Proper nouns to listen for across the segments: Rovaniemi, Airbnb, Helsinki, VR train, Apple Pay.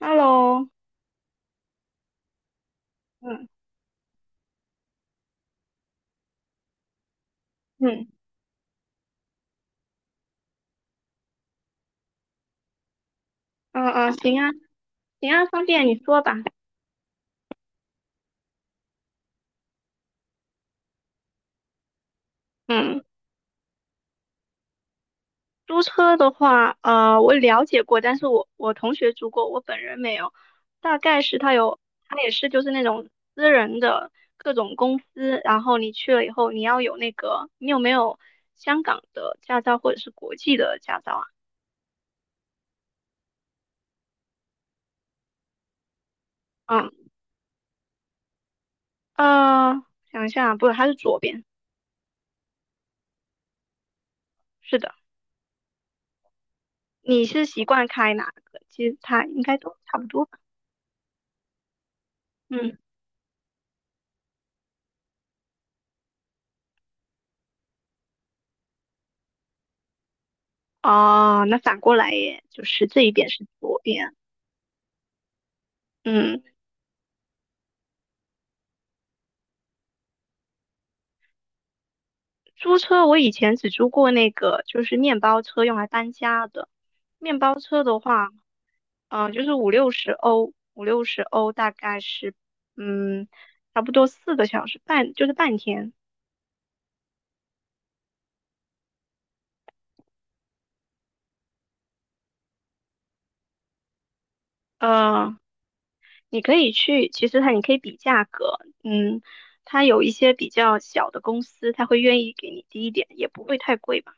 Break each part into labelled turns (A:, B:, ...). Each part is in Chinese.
A: Hello，嗯嗯嗯，行啊，方便你说吧。嗯，租车的话，我了解过，但是我同学租过，我本人没有。大概是他有，他也是就是那种私人的各种公司，然后你去了以后，你要有那个，你有没有香港的驾照或者是国际的驾照啊？嗯，呃，想一下啊，不是，它是左边，是的。你是习惯开哪个？其实它应该都差不多吧。嗯哦，那反过来耶，就是这一边是左边。嗯，租车我以前只租过那个，就是面包车用来搬家的。面包车的话，就是五六十欧，五六十欧大概是，嗯，差不多四个小时半，就是半天。呃，你可以去，其实它你可以比价格，嗯，它有一些比较小的公司，它会愿意给你低一点，也不会太贵吧。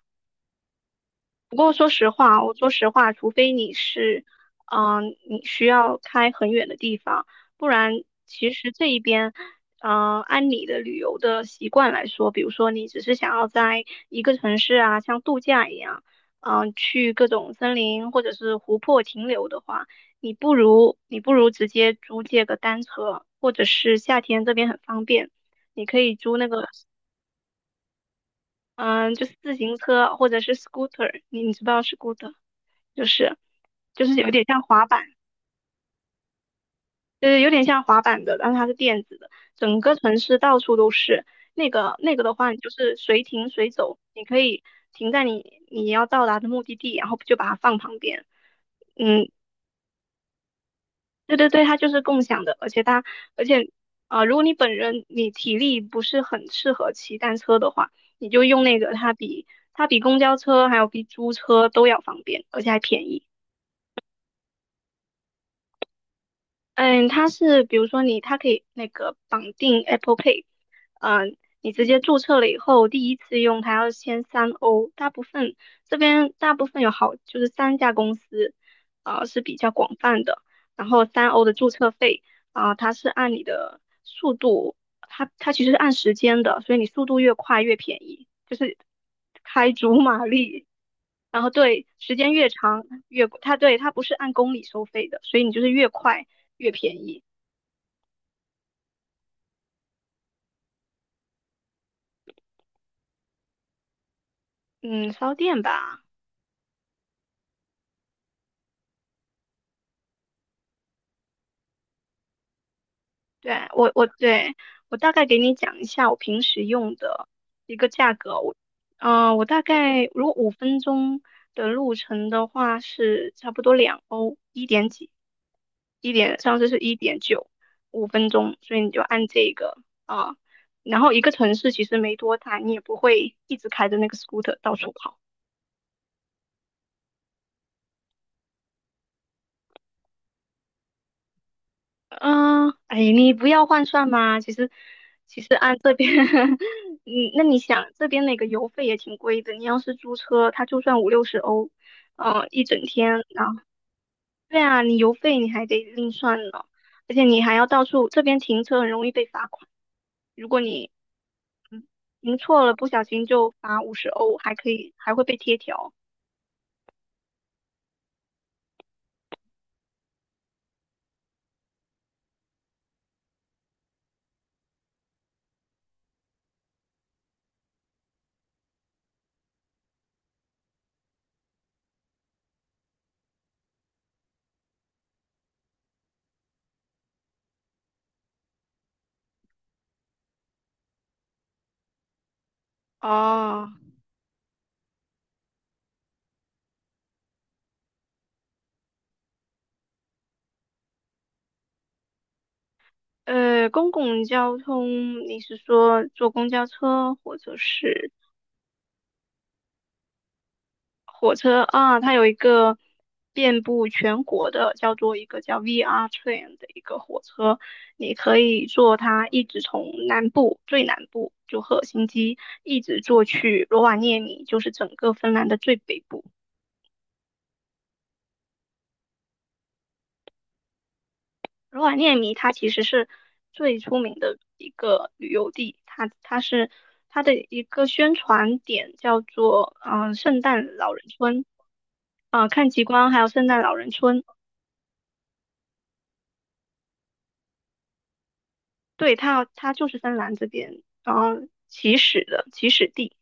A: 不过说实话，我说实话，除非你是，你需要开很远的地方，不然其实这一边，按你的旅游的习惯来说，比如说你只是想要在一个城市啊，像度假一样，去各种森林或者是湖泊停留的话，你不如直接租借个单车，或者是夏天这边很方便，你可以租那个，嗯、就是自行车或者是 scooter，你知不知道 scooter。就是就是有点像滑板，就是有点像滑板的，但是它是电子的，整个城市到处都是。那个的话，你就是随停随走，你可以停在你要到达的目的地，然后就把它放旁边。嗯，对对对，它就是共享的，而且如果你本人你体力不是很适合骑单车的话，你就用那个，它比公交车还有比租车都要方便，而且还便宜。嗯，它是比如说你，它可以那个绑定 Apple Pay，你直接注册了以后，第一次用它要先三欧，大部分这边大部分有好就是三家公司，是比较广泛的，然后三欧的注册费它是按你的速度，它其实是按时间的，所以你速度越快越便宜，就是开足马力。然后对，时间越长越贵，它不是按公里收费的，所以你就是越快越便宜。嗯，烧电吧，对我我对我大概给你讲一下我平时用的一个价格，我大概如果五分钟的路程的话是差不多两欧，一点几，上次是一点九，五分钟，所以你就按这个啊、然后一个城市其实没多大，你也不会一直开着那个 scooter 到处跑。嗯，哎，你不要换算嘛。其实，其实按这边，嗯，那你想这边那个油费也挺贵的。你要是租车，它就算五六十欧，嗯，一整天。然后对啊，你油费你还得另算呢，而且你还要到处，这边停车很容易被罚款。如果你停错了，不小心就罚五十欧，还可以还会被贴条。哦，公共交通，你是说坐公交车或者是？火车啊，它有一个遍布全国的，叫做一个叫 VR train 的一个火车，你可以坐它一直从南部最南部就赫尔辛基，一直坐去罗瓦涅米，就是整个芬兰的最北部。罗瓦涅米它其实是最出名的一个旅游地，它是它的一个宣传点叫做圣诞老人村看极光还有圣诞老人村。对，它就是芬兰这边，然后起始地。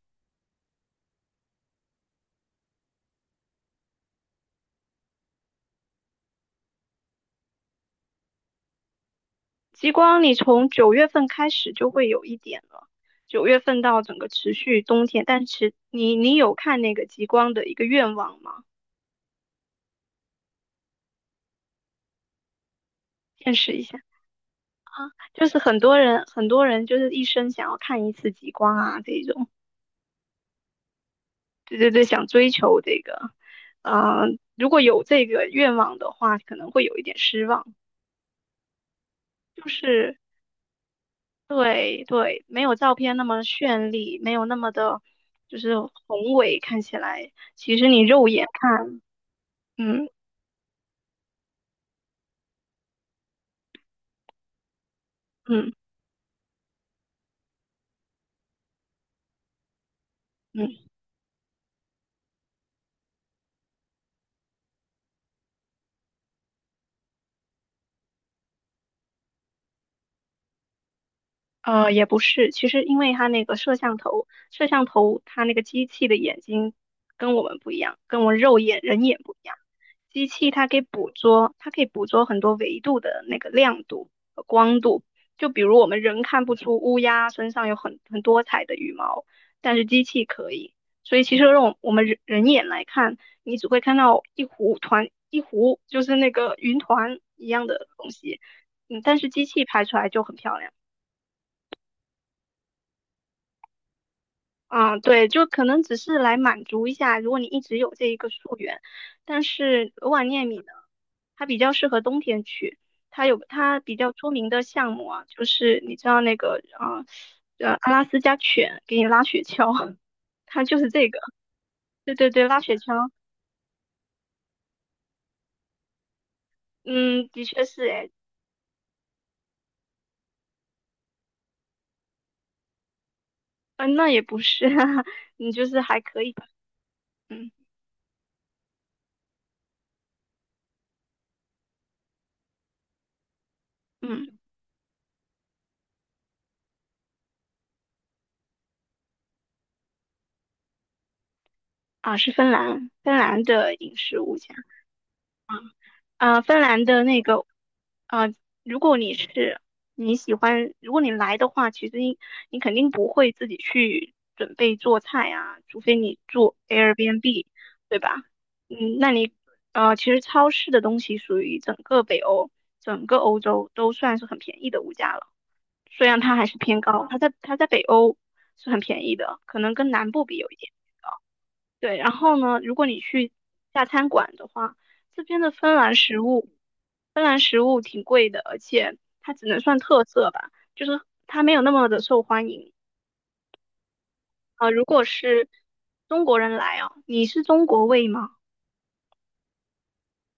A: 极光你从九月份开始就会有一点了，九月份到整个持续冬天。但是你有看那个极光的一个愿望吗？见识一下，就是很多人就是一生想要看一次极光啊这种，对对对，想追求这个，呃，如果有这个愿望的话，可能会有一点失望，就是。对对，没有照片那么绚丽，没有那么的，就是宏伟，看起来，其实你肉眼看，嗯嗯嗯。也不是，其实因为它那个摄像头，它那个机器的眼睛跟我们不一样，跟我们肉眼人眼不一样。机器它可以捕捉，它可以捕捉很多维度的那个亮度和光度。就比如我们人看不出乌鸦身上有很多彩的羽毛，但是机器可以。所以其实用我们人眼来看，你只会看到一糊团，就是那个云团一样的东西。嗯，但是机器拍出来就很漂亮。啊，对，就可能只是来满足一下，如果你一直有这一个溯源，但是额瓦涅米呢，它比较适合冬天去，它有它比较出名的项目啊，就是你知道那个啊，阿拉斯加犬给你拉雪橇，它就是这个，对对对，拉雪橇，嗯，的确是诶，嗯，那也不是，你就是还可以吧，嗯嗯，啊，是芬兰，芬兰的饮食物。啊，芬兰的那个，啊，如果你是你喜欢，如果你来的话，其实你你肯定不会自己去准备做菜啊，除非你住 Airbnb，对吧？嗯，那你其实超市的东西属于整个北欧、整个欧洲都算是很便宜的物价了，虽然它还是偏高，它在北欧是很便宜的，可能跟南部比有一点。对，然后呢，如果你去大餐馆的话，这边的芬兰食物。芬兰食物挺贵的，而且它只能算特色吧，就是它没有那么的受欢迎如果是中国人来哦，你是中国胃吗？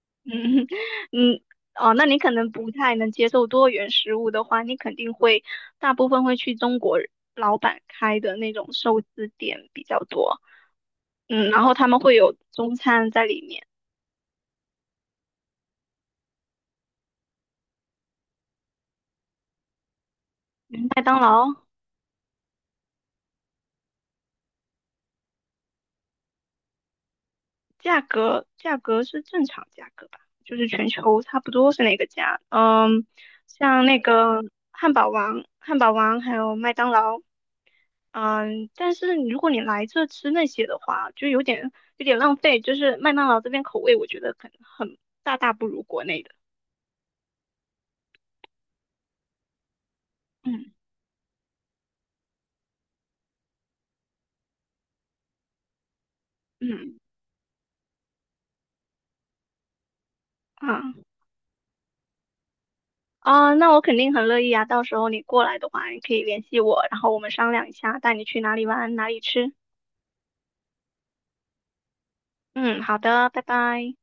A: 嗯嗯哦，那你可能不太能接受多元食物的话，你肯定会大部分会去中国老板开的那种寿司店比较多，嗯，然后他们会有中餐在里面，嗯麦当劳。价格是正常价格吧，就是全球差不多是那个价。嗯，像那个汉堡王、还有麦当劳，嗯，但是如果你来这吃那些的话，就有点浪费。就是麦当劳这边口味，我觉得很大不如国内的。嗯嗯啊啊，那我肯定很乐意啊。到时候你过来的话，你可以联系我，然后我们商量一下，带你去哪里玩，哪里吃。嗯，好的，拜拜。